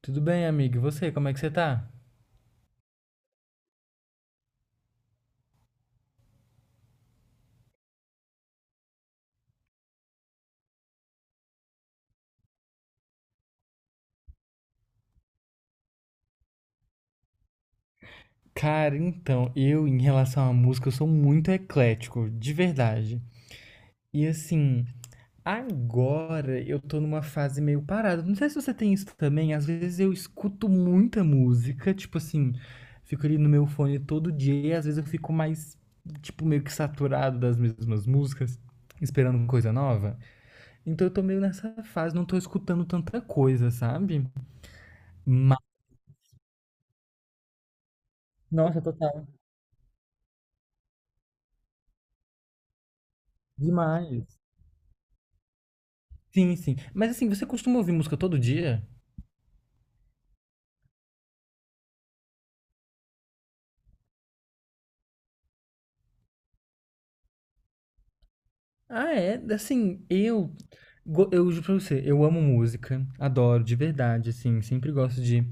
Tudo bem, amigo? E você, como é que você tá? Cara, então, eu em relação à música, eu sou muito eclético, de verdade. E assim, agora eu tô numa fase meio parada. Não sei se você tem isso também, às vezes eu escuto muita música, tipo assim, fico ali no meu fone todo dia, e às vezes eu fico mais, tipo, meio que saturado das mesmas músicas, esperando coisa nova. Então eu tô meio nessa fase, não tô escutando tanta coisa, sabe? Mas, nossa, total, demais. Sim, sim. Mas assim, você costuma ouvir música todo dia? Ah, é? Assim, Eu juro pra você, eu amo música, adoro, de verdade, assim. Sempre gosto de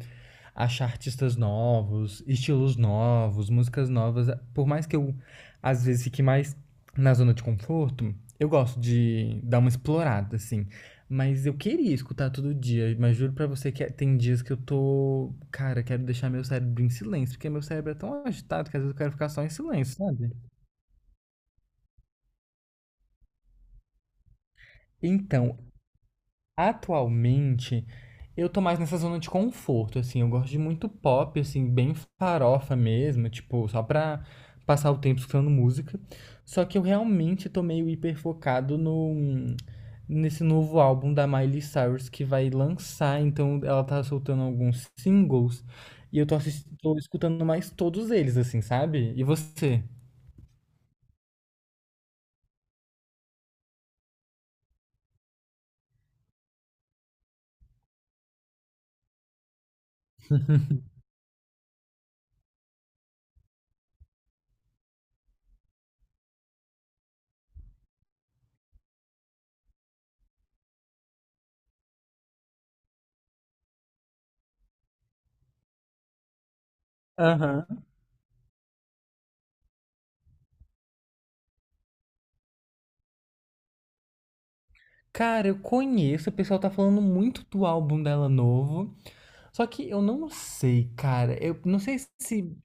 achar artistas novos, estilos novos, músicas novas. Por mais que eu, às vezes, fique mais na zona de conforto, eu gosto de dar uma explorada, assim. Mas eu queria escutar todo dia, mas juro pra você tem dias que eu tô. Cara, quero deixar meu cérebro em silêncio, porque meu cérebro é tão agitado que às vezes eu quero ficar só em silêncio, sabe? Então, atualmente, eu tô mais nessa zona de conforto, assim. Eu gosto de muito pop, assim, bem farofa mesmo, tipo, só pra passar o tempo escutando música. Só que eu realmente tô meio hiperfocado no, nesse novo álbum da Miley Cyrus que vai lançar. Então, ela tá soltando alguns singles e eu tô, tô escutando mais todos eles, assim, sabe? E você? Aham. Cara, eu conheço, o pessoal tá falando muito do álbum dela novo. Só que eu não sei, cara. Eu não sei se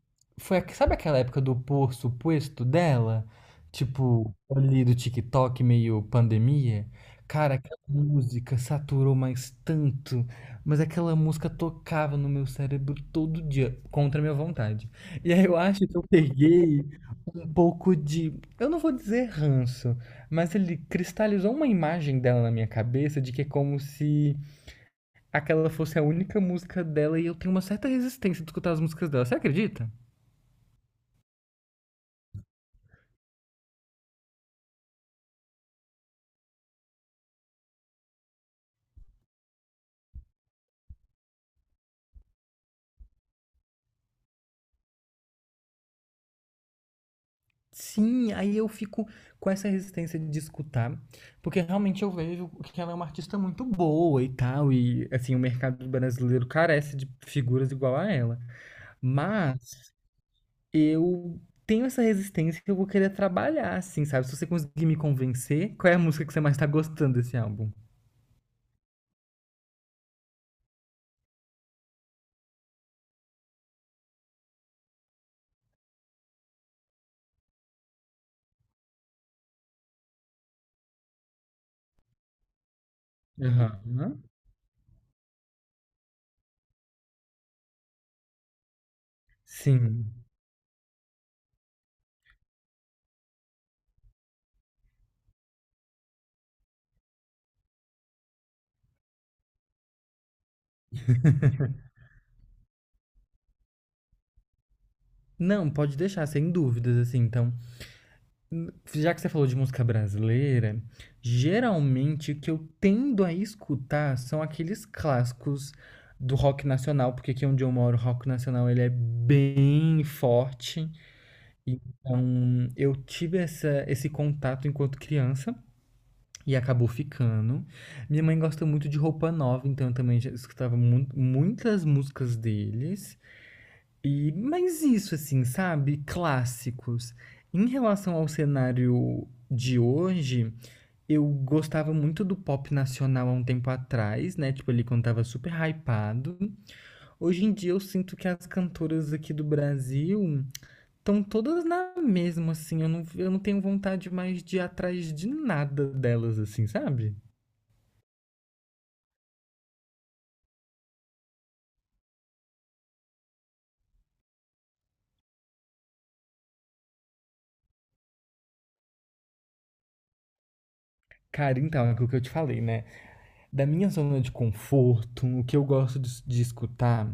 foi, sabe aquela época do por posto dela? Tipo, ali do TikTok, meio pandemia. Cara, aquela música saturou mais tanto, mas aquela música tocava no meu cérebro todo dia, contra a minha vontade. E aí eu acho que eu peguei um pouco de, eu não vou dizer ranço, mas ele cristalizou uma imagem dela na minha cabeça de que é como se aquela fosse a única música dela e eu tenho uma certa resistência de escutar as músicas dela. Você acredita? Sim, aí eu fico com essa resistência de escutar, porque realmente eu vejo que ela é uma artista muito boa e tal, e assim, o mercado brasileiro carece de figuras igual a ela. Mas eu tenho essa resistência que eu vou querer trabalhar, assim, sabe? Se você conseguir me convencer, qual é a música que você mais tá gostando desse álbum? Aham. Sim. Não, pode deixar, sem dúvidas, assim. Então, já que você falou de música brasileira, geralmente o que eu tendo a escutar são aqueles clássicos do rock nacional, porque aqui onde eu moro, o rock nacional ele é bem forte. Então, eu tive esse contato enquanto criança e acabou ficando. Minha mãe gosta muito de Roupa Nova, então eu também já escutava muitas músicas deles. E mas isso assim, sabe, clássicos. Em relação ao cenário de hoje, eu gostava muito do pop nacional há um tempo atrás, né? Tipo, ele quando tava super hypado. Hoje em dia eu sinto que as cantoras aqui do Brasil estão todas na mesma, assim. Eu não tenho vontade mais de ir atrás de nada delas, assim, sabe? Cara, então, é aquilo que eu te falei, né? Da minha zona de conforto, o que eu gosto de escutar.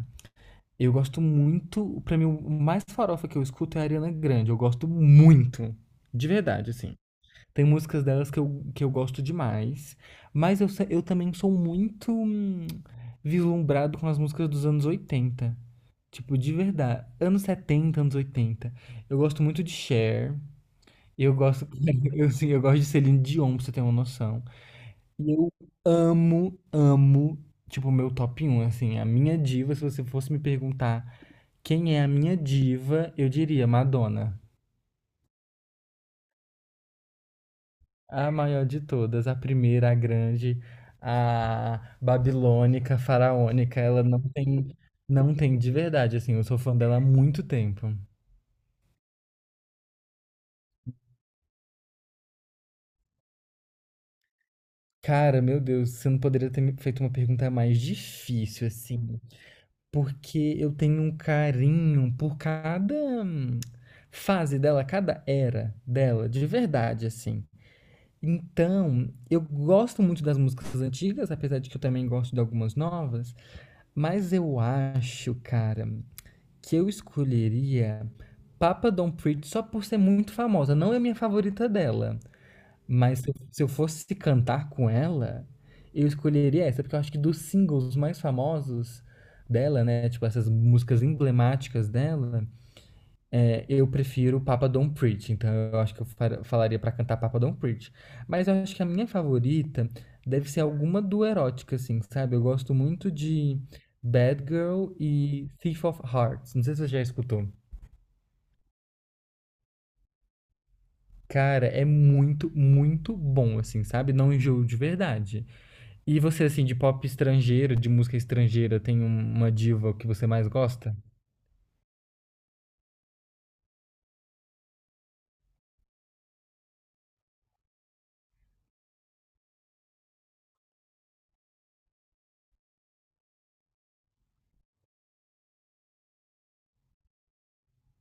Eu gosto muito, pra mim o mais farofa que eu escuto é a Ariana Grande, eu gosto muito, de verdade, assim. Tem músicas delas que eu gosto demais, mas eu, eu também sou muito vislumbrado com as músicas dos anos 80, tipo, de verdade, anos 70, anos 80. Eu gosto muito de Cher, eu gosto, eu, assim, eu gosto de Celine Dion, pra você ter uma noção. E eu amo, amo, tipo, o meu top um assim, a minha diva, se você fosse me perguntar quem é a minha diva, eu diria Madonna. A maior de todas, a primeira, a grande, a babilônica, faraônica, ela não tem, não tem de verdade, assim, eu sou fã dela há muito tempo. Cara, meu Deus, você não poderia ter me feito uma pergunta mais difícil, assim. Porque eu tenho um carinho por cada fase dela, cada era dela, de verdade, assim. Então, eu gosto muito das músicas antigas, apesar de que eu também gosto de algumas novas, mas eu acho, cara, que eu escolheria Papa Don't Preach só por ser muito famosa. Não é a minha favorita dela, mas se eu fosse cantar com ela, eu escolheria essa, porque eu acho que dos singles mais famosos dela, né, tipo essas músicas emblemáticas dela, é, eu prefiro Papa Don't Preach. Então eu acho que falaria pra cantar Papa Don't Preach. Mas eu acho que a minha favorita deve ser alguma do erótica, assim, sabe? Eu gosto muito de Bad Girl e Thief of Hearts. Não sei se você já escutou. Cara, é muito, muito bom, assim, sabe? Não enjoo de verdade. E você, assim, de pop estrangeiro, de música estrangeira, tem uma diva que você mais gosta?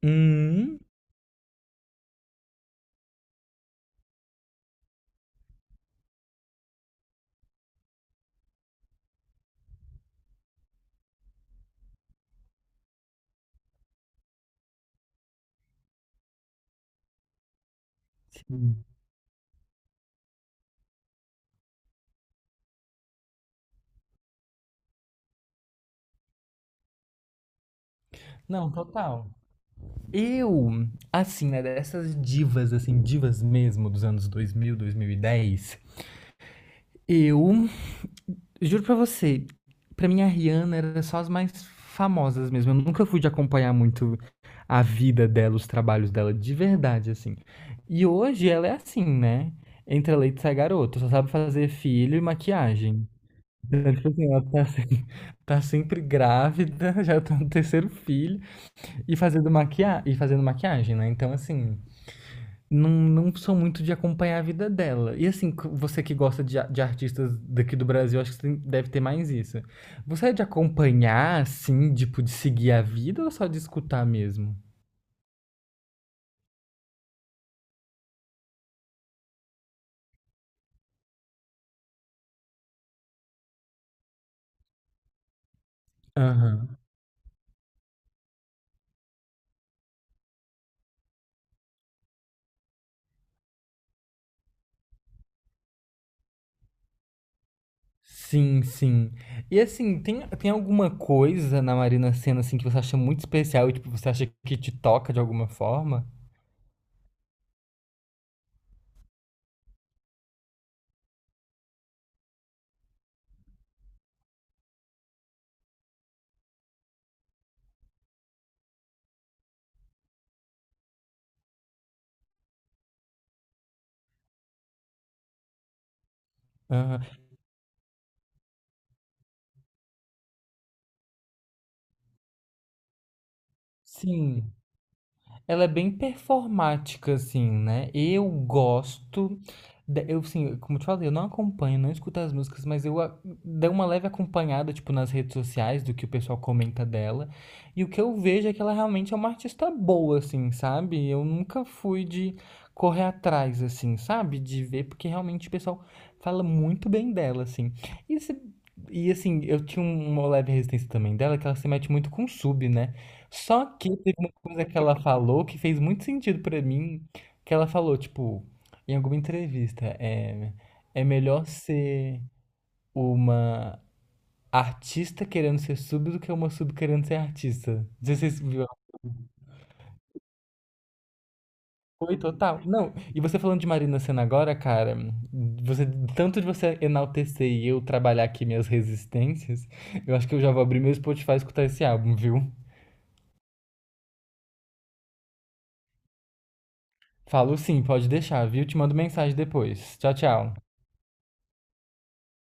Hum, sim. Não, total. Eu, assim, né, dessas divas, assim, divas mesmo dos anos 2000, 2010, eu juro pra você, pra mim a Rihanna era só as mais famosas mesmo. Eu nunca fui de acompanhar muito a vida dela, os trabalhos dela, de verdade, assim. E hoje ela é assim, né? Entra leite e sai garoto, só sabe fazer filho e maquiagem. Então, tipo assim, ela tá, tá sempre grávida, já tá no terceiro filho, e fazendo, maquia... e fazendo maquiagem, né? Então, assim, não, não sou muito de acompanhar a vida dela. E, assim, você que gosta de, de artistas daqui do Brasil, acho que deve ter mais isso. Você é de acompanhar, assim, tipo, de seguir a vida ou só de escutar mesmo? Aham. Sim, sim. E assim, tem alguma coisa na Marina Sena assim que você acha muito especial e tipo, você acha que te toca de alguma forma? Aham. Sim, ela é bem performática, assim, né? Eu gosto. Eu, assim, como eu te falei, eu não acompanho, não escuto as músicas, mas dei uma leve acompanhada, tipo, nas redes sociais do que o pessoal comenta dela. E o que eu vejo é que ela realmente é uma artista boa, assim, sabe? Eu nunca fui de correr atrás, assim, sabe? De ver, porque realmente o pessoal fala muito bem dela, assim. E, se- e assim, eu tinha uma leve resistência também dela, que ela se mete muito com sub, né? Só que teve uma coisa que ela falou que fez muito sentido pra mim, que ela falou, tipo, em alguma entrevista, é, é melhor ser uma artista querendo ser sub do que uma sub querendo ser artista. Não sei se vocês viram? Foi total. Não, e você falando de Marina Sena agora, cara, você, tanto de você enaltecer e eu trabalhar aqui minhas resistências, eu acho que eu já vou abrir meu Spotify e escutar esse álbum, viu? Falo sim, pode deixar, viu? Te mando mensagem depois. Tchau, tchau.